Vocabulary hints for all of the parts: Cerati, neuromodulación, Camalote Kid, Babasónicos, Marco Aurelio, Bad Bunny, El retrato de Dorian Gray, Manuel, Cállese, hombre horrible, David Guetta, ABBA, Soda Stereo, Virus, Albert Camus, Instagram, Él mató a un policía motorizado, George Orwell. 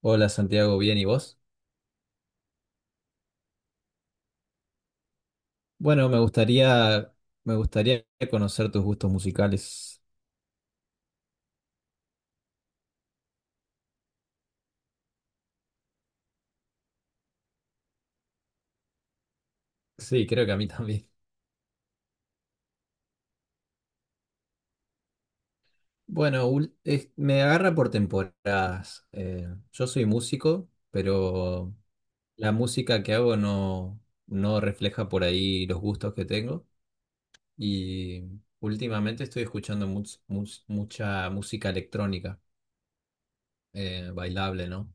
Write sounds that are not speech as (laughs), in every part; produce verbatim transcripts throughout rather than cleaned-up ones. Hola Santiago, bien, ¿y vos? Bueno, me gustaría, me gustaría conocer tus gustos musicales. Sí, creo que a mí (laughs) también. Bueno, ul- es- me agarra por temporadas. Eh, yo soy músico, pero la música que hago no, no refleja por ahí los gustos que tengo. Y Últimamente estoy escuchando much- much- mucha música electrónica, eh, bailable, ¿no?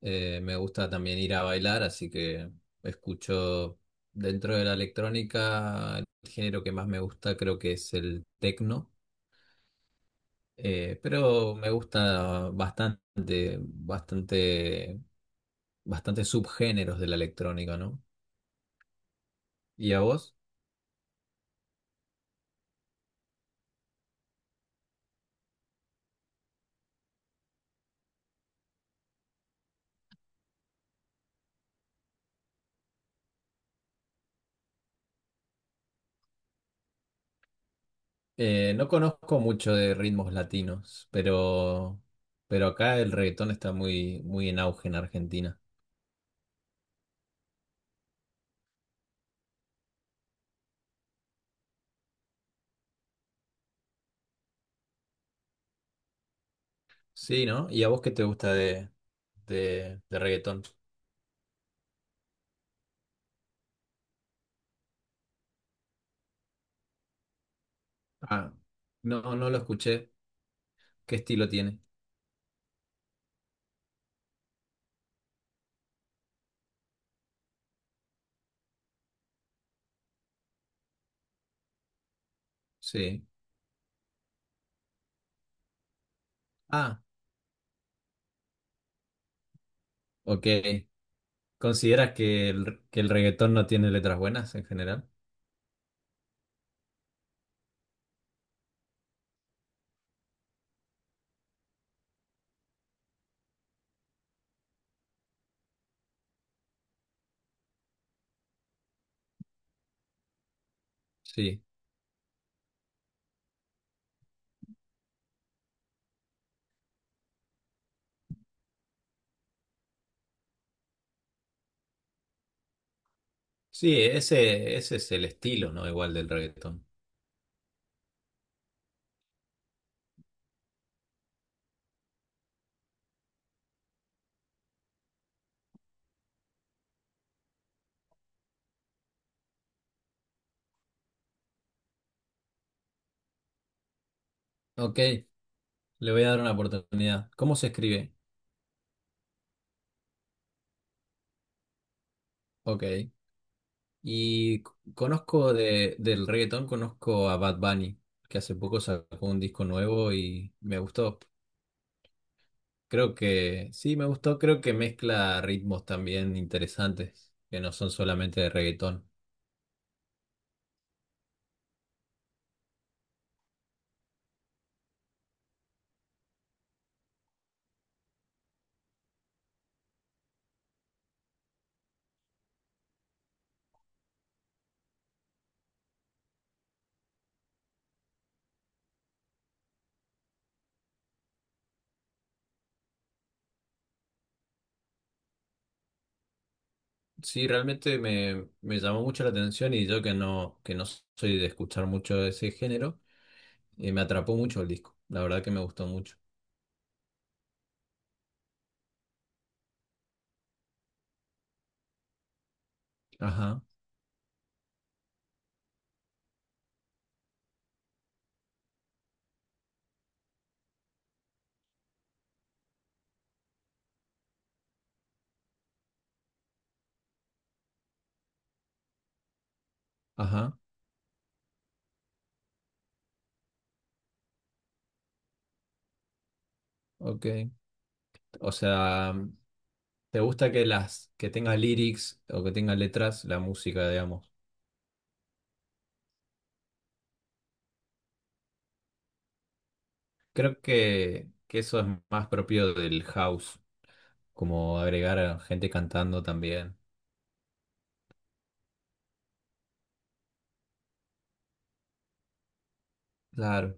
Eh, me gusta también ir a bailar, así que escucho dentro de la electrónica, el género que más me gusta creo que es el techno, eh, pero me gusta bastante, bastante, bastante subgéneros de la electrónica, ¿no? ¿Y a vos? Eh, no conozco mucho de ritmos latinos, pero, pero acá el reggaetón está muy, muy en auge en Argentina. Sí, ¿no? ¿Y a vos qué te gusta de, de, de reggaetón? Ah, no, no lo escuché. ¿Qué estilo tiene? Sí. Ah, ok. ¿Consideras que el, que el reggaetón no tiene letras buenas en general? Sí. Sí, ese, ese es el estilo, ¿no? Igual del reggaetón. Ok, le voy a dar una oportunidad. ¿Cómo se escribe? Ok. Y c- conozco de, del reggaetón, conozco a Bad Bunny, que hace poco sacó un disco nuevo y me gustó. Creo que sí, me gustó. Creo que mezcla ritmos también interesantes, que no son solamente de reggaetón. Sí, realmente me, me llamó mucho la atención y yo que no, que no soy de escuchar mucho de ese género, eh, me atrapó mucho el disco. La verdad que me gustó mucho. Ajá, ajá, ok. O sea, ¿te gusta que las, que tenga lyrics o que tenga letras la música, digamos? Creo que, que eso es más propio del house, como agregar a gente cantando también. Claro.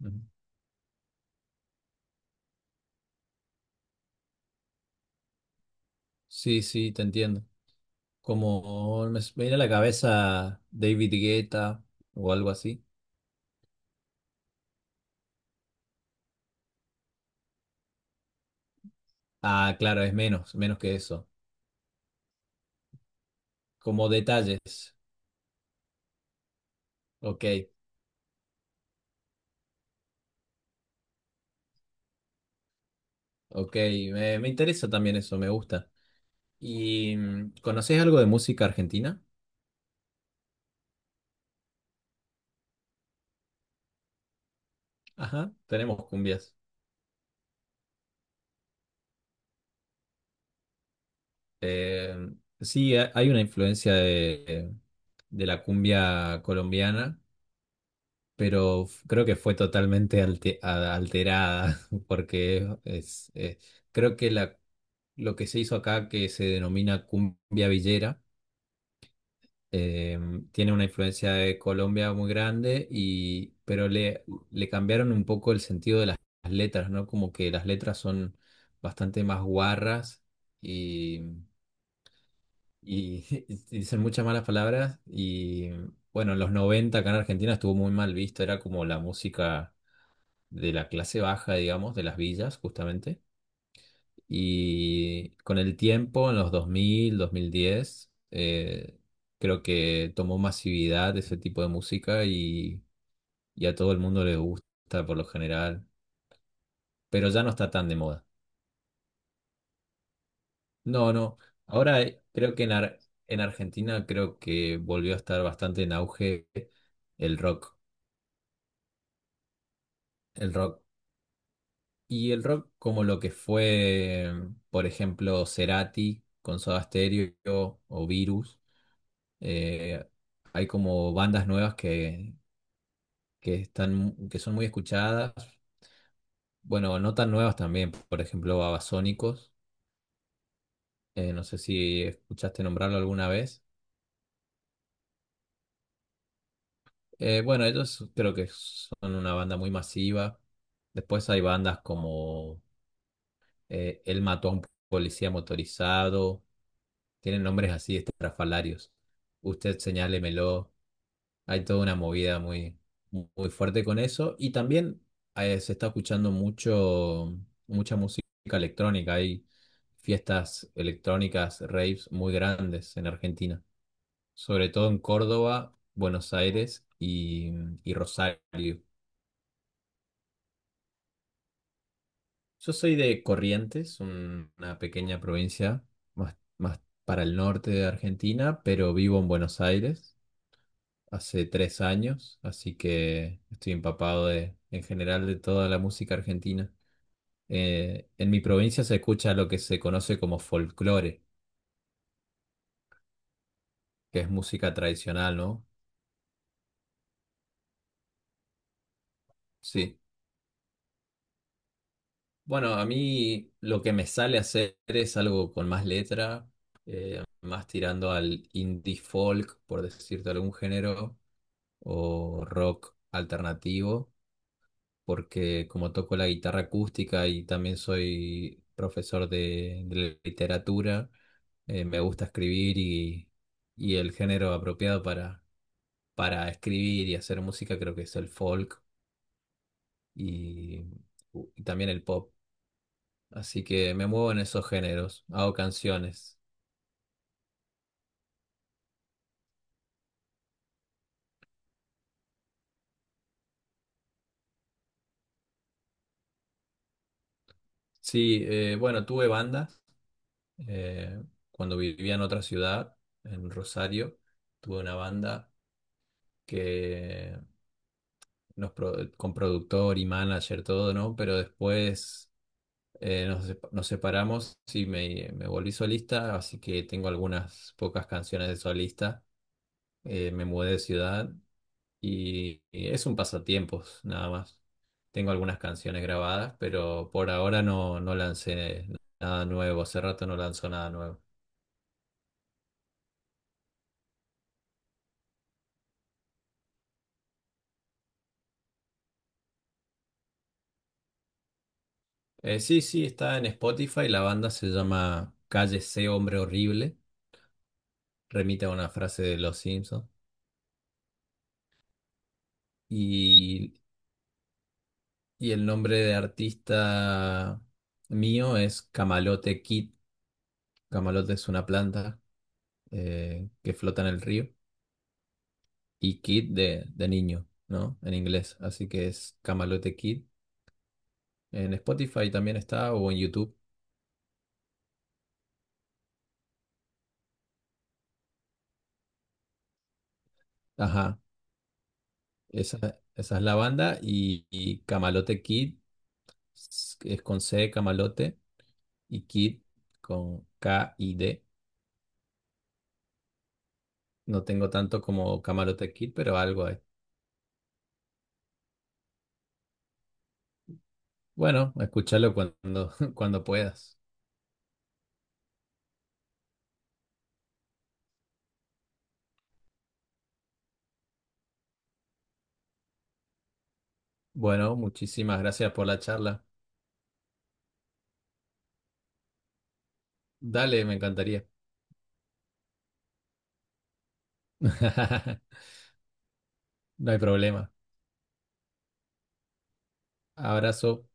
Ujú. Sí, sí, te entiendo. Como me s- me viene a la cabeza David Guetta o algo así. Ah, claro, es menos, menos que eso. Como detalles. Ok, ok. Me, me interesa también eso, me gusta. ¿Y mm, conocés algo de música argentina? Ajá, tenemos cumbias. Eh, sí, ha- hay una influencia de, de la cumbia colombiana pero f- creo que fue totalmente alte- a- alterada, (laughs) porque es, eh, creo que la, lo que se hizo acá, que se denomina cumbia villera, eh, tiene una influencia de Colombia muy grande, y, pero le, le cambiaron un poco el sentido de las letras, ¿no? Como que las letras son bastante más guarras y, y (laughs) y dicen muchas malas palabras, y bueno, en los noventa acá en Argentina estuvo muy mal visto, era como la música de la clase baja, digamos, de las villas, justamente. Y con el tiempo, en los dos mil, dos mil diez, eh, creo que tomó masividad ese tipo de música y, y a todo el mundo le gusta por lo general, pero ya no está tan de moda. No, no. Ahora eh, creo que en, Ar- en Argentina creo que volvió a estar bastante en auge el rock. El rock. Y el rock como lo que fue, por ejemplo, Cerati con Soda Stereo o Virus, eh, hay como bandas nuevas que, que están, que son muy escuchadas, bueno, no tan nuevas también, por ejemplo, Babasónicos, eh, no sé si escuchaste nombrarlo alguna vez. Eh, bueno, ellos creo que son una banda muy masiva. Después hay bandas como eh, Él mató a un policía motorizado. Tienen nombres así estrafalarios. Usted señálemelo. Hay toda una movida muy, muy fuerte con eso. Y también eh, se está escuchando mucho, mucha música electrónica. Hay fiestas electrónicas, raves muy grandes en Argentina. Sobre todo en Córdoba, Buenos Aires y, y Rosario. Yo soy de Corrientes, un- una pequeña provincia más, más para el norte de Argentina, pero vivo en Buenos Aires hace tres años, así que estoy empapado de, en general de toda la música argentina. Eh, en mi provincia se escucha lo que se conoce como folclore, que es música tradicional, ¿no? Sí. Bueno, a mí lo que me sale hacer es algo con más letra, eh, más tirando al indie folk, por decirte algún género, o rock alternativo porque como toco la guitarra acústica y también soy profesor de, de literatura, eh, me gusta escribir y, y el género apropiado para, para escribir y hacer música creo que es el folk y, y también el pop. Así que me muevo en esos géneros, hago canciones. Sí, eh, bueno, tuve bandas eh, cuando vivía en otra ciudad, en Rosario, tuve una banda que nos pro- con productor y manager, todo, ¿no? Pero después eh, nos, sep- nos separamos y me, me volví solista, así que tengo algunas pocas canciones de solista. Eh, me mudé de ciudad y, y es un pasatiempos, nada más. Tengo algunas canciones grabadas, pero por ahora no, no lancé nada nuevo. Hace rato no lanzo nada nuevo. Eh, sí, sí, está en Spotify. La banda se llama Cállese, hombre horrible. Remite a una frase de Los Simpsons. Y Y el nombre de artista mío es Camalote Kid. Camalote es una planta eh, que flota en el río. Y Kid de, de niño, ¿no? En inglés. Así que es Camalote Kid. En Spotify también está o en YouTube. Ajá. Esa, esa es la banda. Y, y Camalote Kid es es con C, Camalote. Y Kid con K y D. No tengo tanto como Camalote Kid, pero algo hay. Bueno, escúchalo cuando, (laughs) cuando puedas. Bueno, muchísimas gracias por la charla. Dale, me encantaría. (laughs) No hay problema. Abrazo.